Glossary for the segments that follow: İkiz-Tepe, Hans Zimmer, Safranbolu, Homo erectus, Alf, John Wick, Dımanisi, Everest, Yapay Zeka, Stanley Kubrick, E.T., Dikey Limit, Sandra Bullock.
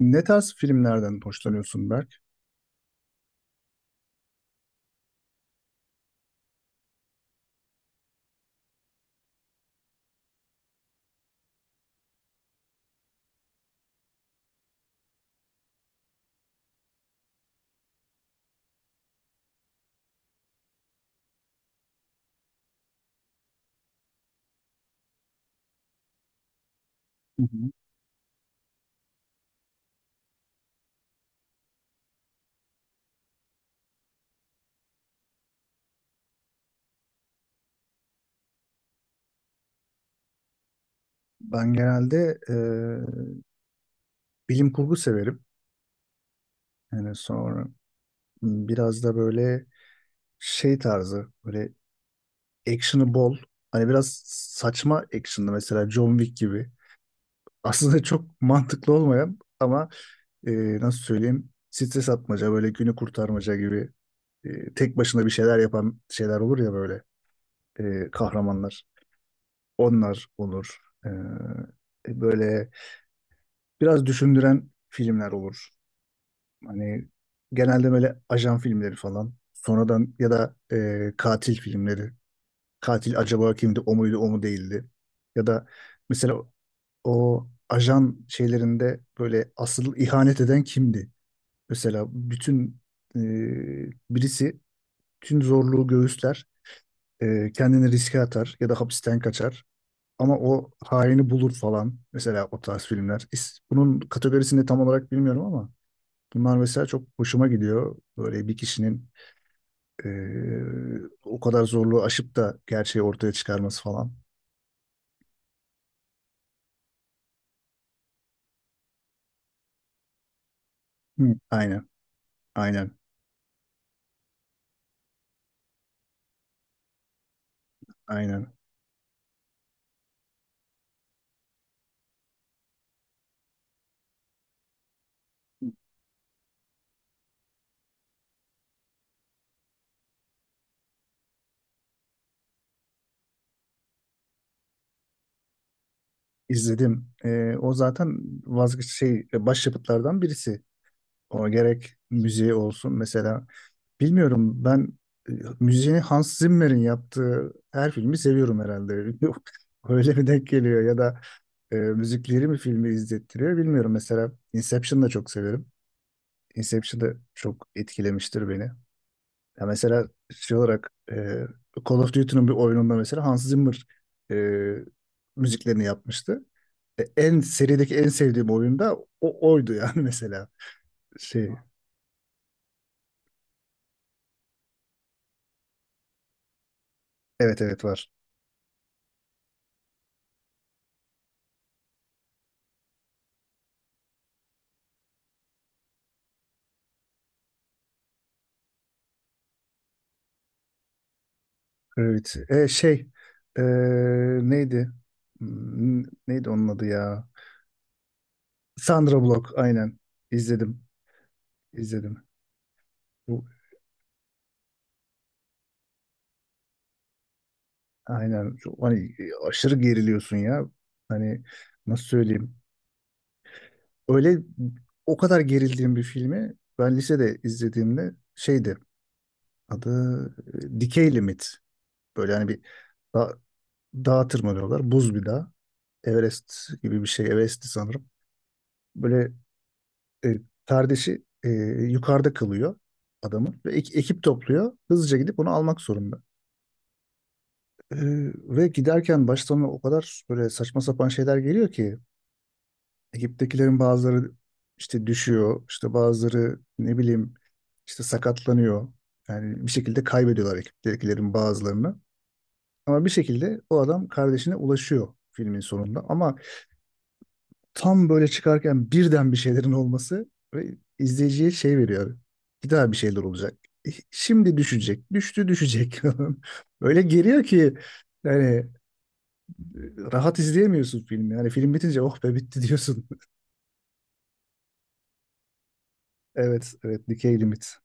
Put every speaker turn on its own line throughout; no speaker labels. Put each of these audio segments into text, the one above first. Ne tarz filmlerden hoşlanıyorsun Berk? Hı hı. Ben genelde bilim kurgu severim. Yani sonra biraz da böyle şey tarzı, böyle action'ı bol. Hani biraz saçma action'lı mesela John Wick gibi. Aslında çok mantıklı olmayan ama e, nasıl söyleyeyim stres atmaca, böyle günü kurtarmaca gibi tek başına bir şeyler yapan şeyler olur ya böyle kahramanlar. Onlar olur. E, böyle biraz düşündüren filmler olur. Hani genelde böyle ajan filmleri falan. Sonradan ya da katil filmleri. Katil acaba kimdi? O muydu, o mu değildi? Ya da mesela o ajan şeylerinde böyle asıl ihanet eden kimdi? Mesela bütün e, birisi tüm zorluğu göğüsler, kendini riske atar ya da hapisten kaçar. Ama o haini bulur falan. Mesela o tarz filmler. Bunun kategorisini tam olarak bilmiyorum ama bunlar mesela çok hoşuma gidiyor. Böyle bir kişinin eee, o kadar zorluğu aşıp da gerçeği ortaya çıkarması falan. Hı. Aynen, aynen, aynen. İzledim. O zaten vazgeç şey başyapıtlardan birisi. O gerek müziği olsun mesela. Bilmiyorum ben e, müziğini Hans Zimmer'in yaptığı her filmi seviyorum herhalde. Öyle mi denk geliyor ya da müzikleri mi filmi izlettiriyor bilmiyorum. Mesela Inception'ı da çok severim. Inception'da çok etkilemiştir beni. Ya mesela şey olarak Call of Duty'nin bir oyununda mesela Hans Zimmer e, müziklerini yapmıştı. En serideki en sevdiğim oyunda o oydu yani mesela. Şey, evet evet var. Evet. E, neydi? Hmm, Neydi onun adı ya? Sandra Bullock aynen. İzledim. İzledim. Bu Aynen. Hani aşırı geriliyorsun ya. Hani nasıl söyleyeyim? Öyle o kadar gerildiğim bir filmi ben lisede izlediğimde şeydi adı Dikey Limit. Böyle hani bir da, dağa tırmanıyorlar. Buz bir dağ. Everest gibi bir şey. Everest'ti sanırım. Böyle e, kardeşi yukarıda kalıyor adamın. Ve ekip topluyor. Hızlıca gidip onu almak zorunda. E, ve giderken baştan o kadar böyle saçma sapan şeyler geliyor ki ekiptekilerin bazıları işte düşüyor, işte bazıları ne bileyim işte sakatlanıyor. Yani bir şekilde kaybediyorlar ekiptekilerin bazılarını. Ama bir şekilde o adam kardeşine ulaşıyor filmin sonunda. Ama tam böyle çıkarken birden bir şeylerin olması ve izleyiciye şey veriyor. Bir daha bir şeyler olacak. Şimdi düşecek, düştü düşecek. Öyle geliyor ki yani rahat izleyemiyorsun filmi. Yani film bitince oh be bitti diyorsun. Evet, evet Decay Limit.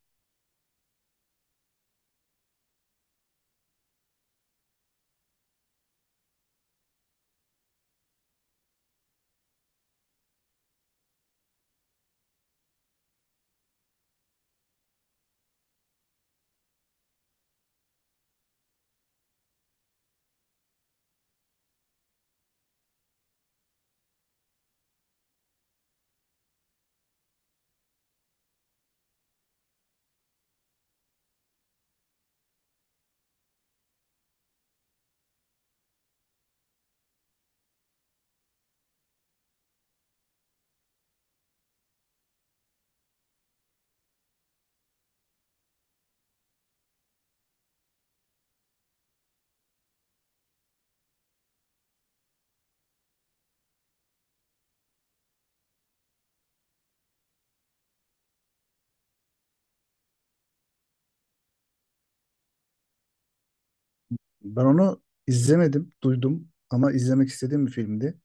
Ben onu izlemedim, duydum ama izlemek istediğim bir filmdi.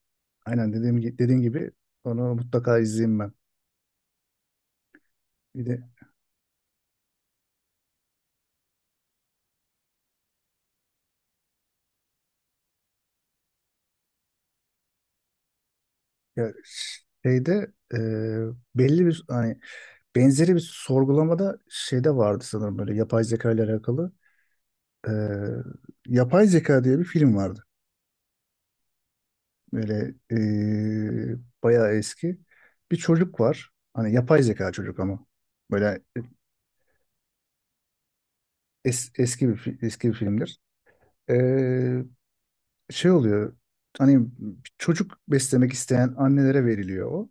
Aynen dediğim, dediğin gibi onu mutlaka izleyeyim ben. Bir de ya şeyde belli bir hani benzeri bir sorgulamada şeyde vardı sanırım böyle yapay zeka ile alakalı. E, Yapay Zeka diye bir film vardı. Böyle e, bayağı eski. Bir çocuk var. Hani yapay zeka çocuk ama. Böyle eski bir eski bir filmdir. Ee, şey oluyor. Hani çocuk beslemek isteyen annelere veriliyor o.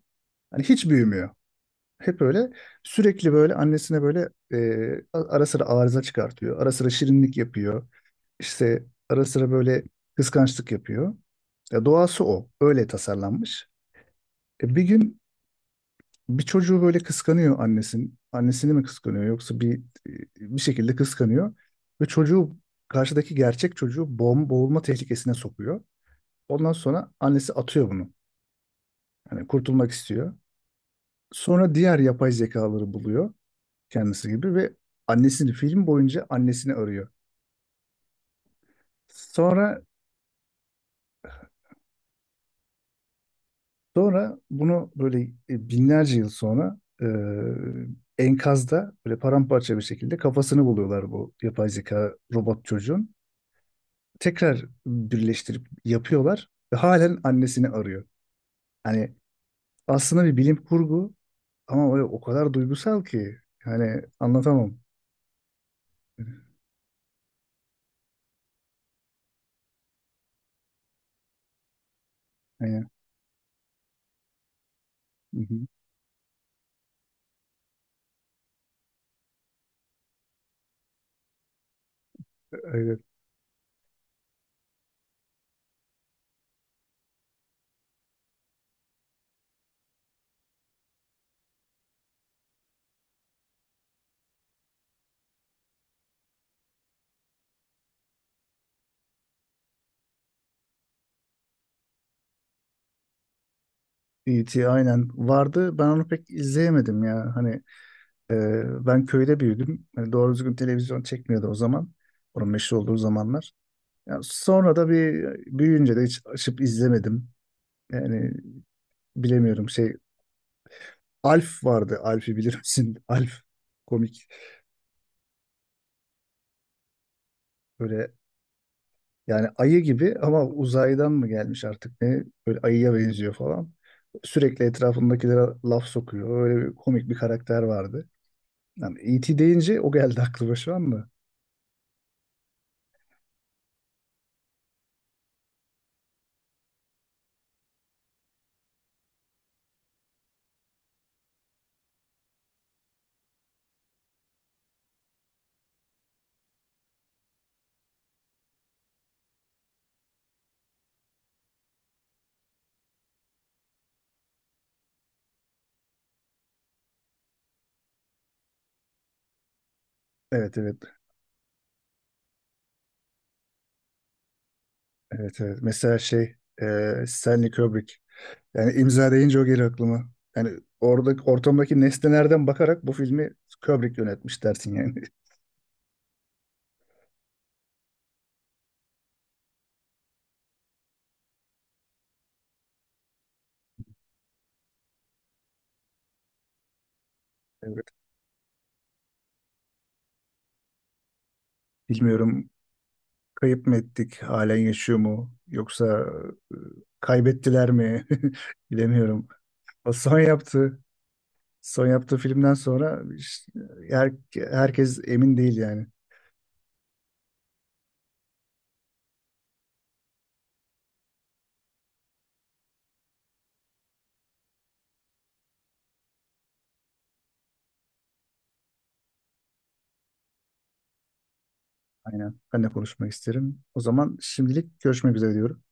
Hani hiç büyümüyor. Hep öyle sürekli böyle annesine böyle ara sıra arıza çıkartıyor. Ara sıra şirinlik yapıyor. İşte ara sıra böyle kıskançlık yapıyor. Ya doğası o. Öyle tasarlanmış. Bir gün bir çocuğu böyle kıskanıyor annesin. Annesini mi kıskanıyor yoksa bir şekilde kıskanıyor ve çocuğu karşıdaki gerçek çocuğu boğulma tehlikesine sokuyor. Ondan sonra annesi atıyor bunu. Yani kurtulmak istiyor. Sonra diğer yapay zekaları buluyor kendisi gibi ve annesini film boyunca annesini arıyor. Sonra sonra bunu böyle binlerce yıl sonra enkazda böyle paramparça bir şekilde kafasını buluyorlar bu yapay zeka robot çocuğun. Tekrar birleştirip yapıyorlar ve halen annesini arıyor. Hani aslında bir bilim kurgu ama böyle o kadar duygusal ki hani anlatamam. Yani, hı hı, evet. E.T. aynen vardı. Ben onu pek izleyemedim ya. Hani ben köyde büyüdüm. Hani doğru düzgün televizyon çekmiyordu o zaman. Onun meşhur olduğu zamanlar. Ya sonra da bir büyüyünce de hiç açıp izlemedim. Yani bilemiyorum şey Alf vardı. Alf'i bilir misin? Alf komik. Böyle yani ayı gibi ama uzaydan mı gelmiş artık ne? Böyle ayıya benziyor falan. Sürekli etrafındakilere laf sokuyor. Öyle bir komik bir karakter vardı. Yani E.T. deyince o geldi aklıma şu anda. Evet evet. Evet evet. Mesela şey Stanley Kubrick. Yani imza deyince o geliyor aklıma. Yani orada ortamdaki nesnelerden bakarak bu filmi Kubrick yönetmiş dersin yani. Evet. Bilmiyorum kayıp mı ettik? Halen yaşıyor mu? Yoksa e, kaybettiler mi? Bilemiyorum. O son yaptığı filmden sonra işte herkes emin değil yani. Aynen. Ben de konuşmak isterim. O zaman şimdilik görüşmek üzere diyorum.